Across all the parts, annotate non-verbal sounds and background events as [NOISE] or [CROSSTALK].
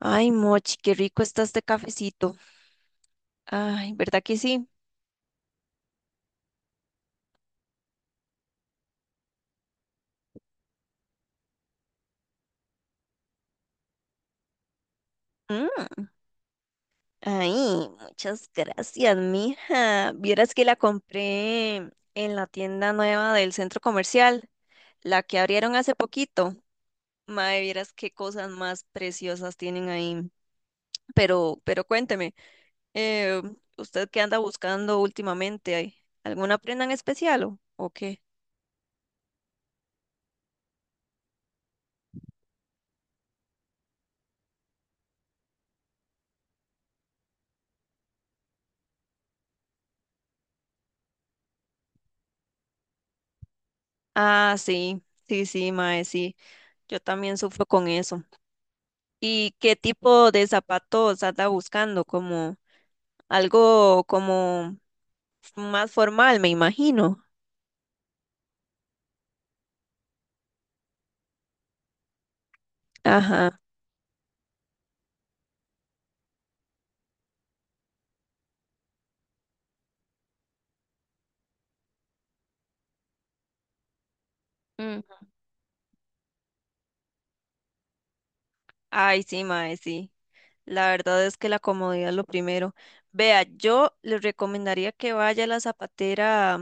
Ay, Mochi, qué rico está este cafecito. Ay, ¿verdad que sí? Mm, ay, muchas gracias, mija. Vieras que la compré en la tienda nueva del centro comercial, la que abrieron hace poquito. Mae, vieras qué cosas más preciosas tienen ahí. Pero cuénteme, eh, ¿usted qué anda buscando últimamente? ¿Hay ¿Alguna prenda en especial o qué? Ah, sí, sí, sí, mae, sí. Yo también sufro con eso. ¿Y qué tipo de zapatos anda buscando? Como algo como más formal, me imagino. Ajá. Mm. Ay, sí, mae, sí. La verdad es que la comodidad es lo primero. Vea, yo le recomendaría que vaya a la zapatera,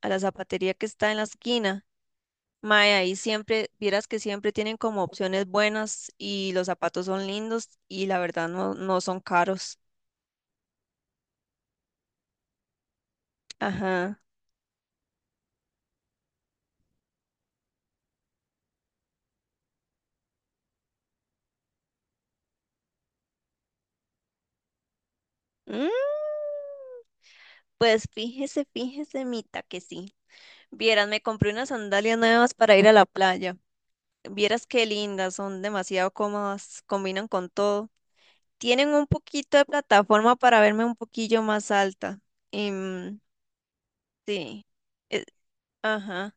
a la zapatería que está en la esquina. Mae, ahí siempre, vieras que siempre tienen como opciones buenas y los zapatos son lindos y la verdad no, no son caros. Ajá. Mm. Pues fíjese, Mita, que sí. Vieras, me compré unas sandalias nuevas para ir a la playa. Vieras qué lindas, son demasiado cómodas, combinan con todo. Tienen un poquito de plataforma para verme un poquillo más alta. Em, sí. Eh, ajá.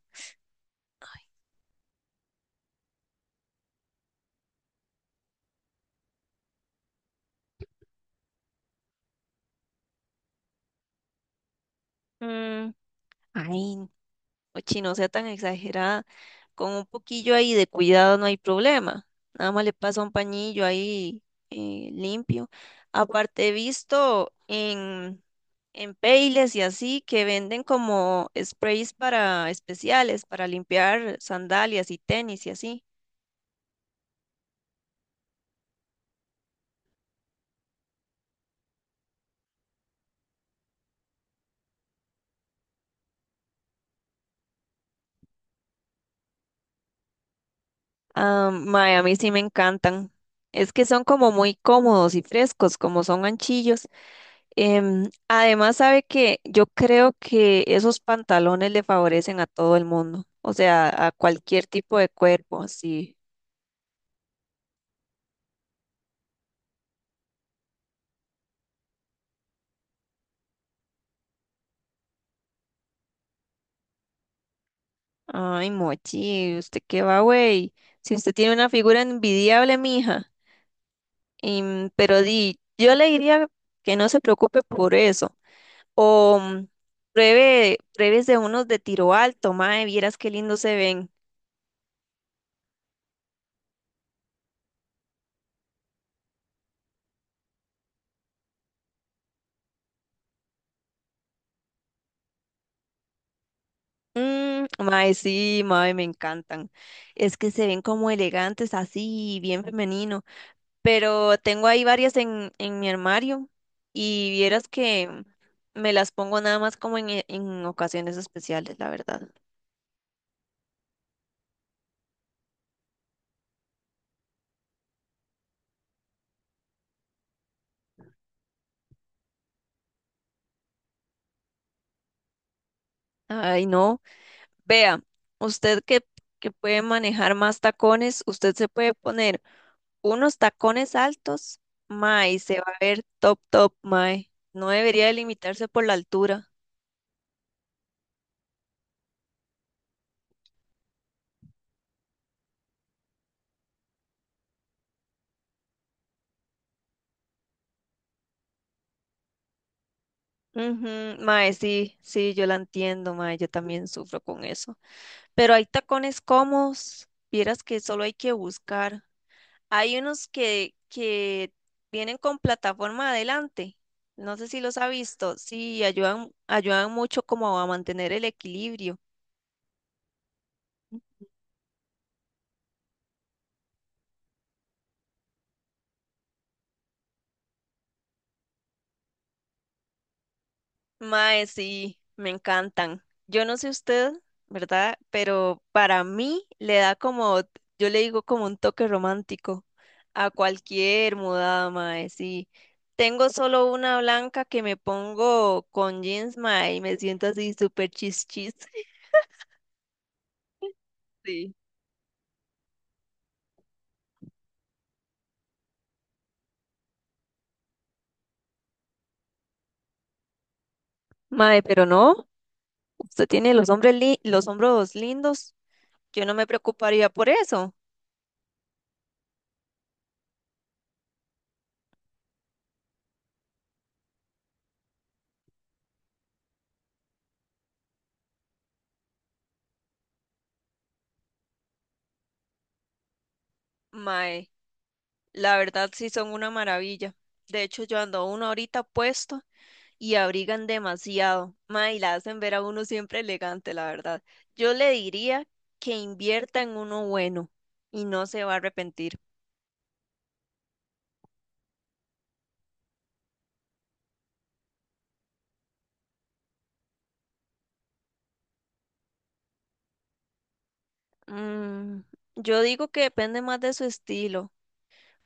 Mm, ay, Ochi, no sea tan exagerada. Con un poquillo ahí de cuidado no hay problema. Nada más le pasa un pañillo ahí limpio. Aparte, he visto en Payless y así que venden como sprays para especiales, para limpiar sandalias y tenis y así. Ah, mae, a mí sí me encantan. Es que son como muy cómodos y frescos, como son anchillos. Además, sabe que yo creo que esos pantalones le favorecen a todo el mundo, o sea, a cualquier tipo de cuerpo, así. Ay, Mochi, ¿usted qué va, güey? Si usted tiene una figura envidiable, mija. Pero di, yo le diría que no se preocupe por eso. O mm, pruebe, pruebes de unos de tiro alto, mae, vieras qué lindos se ven. Mm, mae, sí, mae, me encantan. Es que se ven como elegantes, así, bien femeninos. Pero tengo ahí varias en mi armario y vieras que me las pongo nada más como en ocasiones especiales, la verdad. Ay, no. Vea, usted que, que puede manejar más tacones, usted se puede poner unos tacones altos, mae, y se va a ver top, top, mae. No debería de limitarse por la altura. Ujú, mae, sí, sí, yo la entiendo, mae, yo también sufro con eso. Pero hay tacones cómodos, vieras que solo hay que buscar. Hay unos que vienen con plataforma adelante. No sé si los ha visto. Sí, ayudan, ayudan mucho como a mantener el equilibrio. Mae, sí, me encantan. Yo no sé usted, ¿verdad? Pero para mí le da como, yo le digo como un toque romántico a cualquier mudada, mae, sí. Tengo solo una blanca que me pongo con jeans, mae, y me siento así súper chis chis. [LAUGHS] Sí. Mae, pero no. Usted tiene los los hombros lindos. Yo no me preocuparía por eso. Mae, la verdad sí son una maravilla. De hecho, yo ando uno ahorita puesto y abrigan demasiado. Mae, y la hacen ver a uno siempre elegante, la verdad. Yo le diría que invierta en uno bueno y no se va a arrepentir. Mm, yo digo que depende más de su estilo,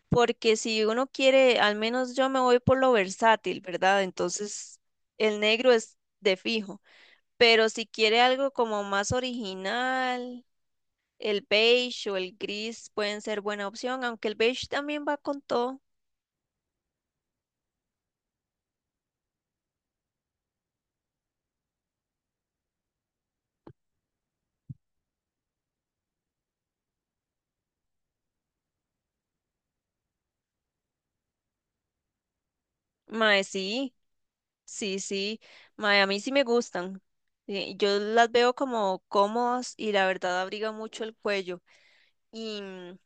porque si uno quiere, al menos yo me voy por lo versátil, ¿verdad? Entonces, el negro es de fijo. Pero si quiere algo como más original, el beige o el gris pueden ser buena opción, aunque el beige también va con todo. Mae, sí, sí, sí. Mae, a mí sí me gustan. Yo las veo como cómodas y la verdad abriga mucho el cuello. Y mm,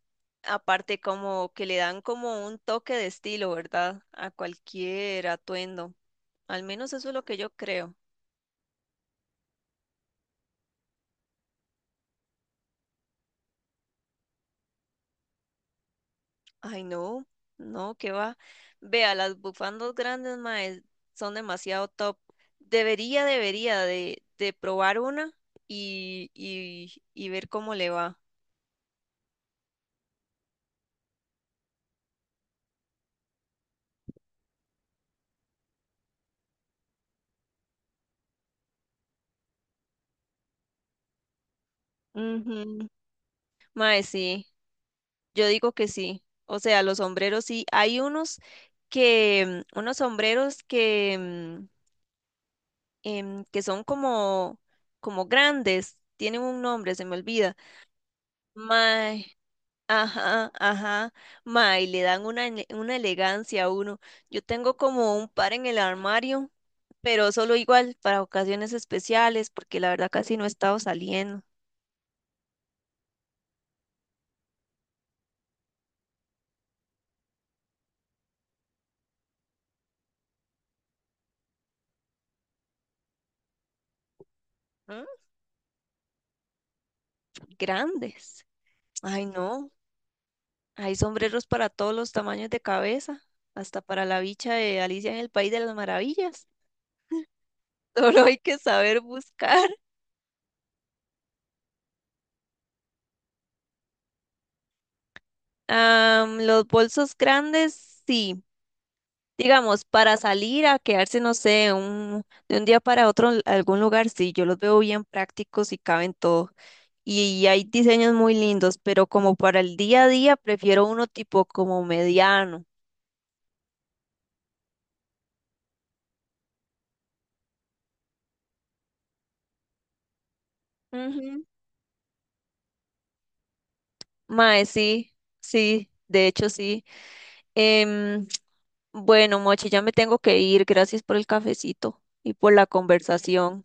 aparte como que le dan como un toque de estilo, ¿verdad? A cualquier atuendo. Al menos eso es lo que yo creo. Ay, no, no, que va. Vea, las bufandas grandes, mae, son demasiado top. Debería de probar una y ver cómo le va. Ujú. Mae, sí, yo digo que sí. O sea, los sombreros sí. Hay unos unos sombreros que son como, como grandes. Tienen un nombre, se me olvida. Mae, ajá, ajá. Ma, y le dan una, una elegancia a uno. Yo tengo como un par en el armario, pero solo igual para ocasiones especiales, porque la verdad casi no he estado saliendo. Mm, grandes. Ay, no. Hay sombreros para todos los tamaños de cabeza, hasta para la bicha de Alicia en el País de las Maravillas. [LAUGHS] Solo hay que saber buscar. Am, los bolsos grandes, sí. Digamos, para salir a quedarse, no sé, de un día para otro en algún lugar, sí, yo los veo bien prácticos y caben todo. Y, hay diseños muy lindos, pero como para el día a día, prefiero uno tipo como mediano. Ujú. Mae, sí, sí, de hecho sí. Em, bueno, Mochi, ya me tengo que ir. Gracias por el cafecito y por la conversación.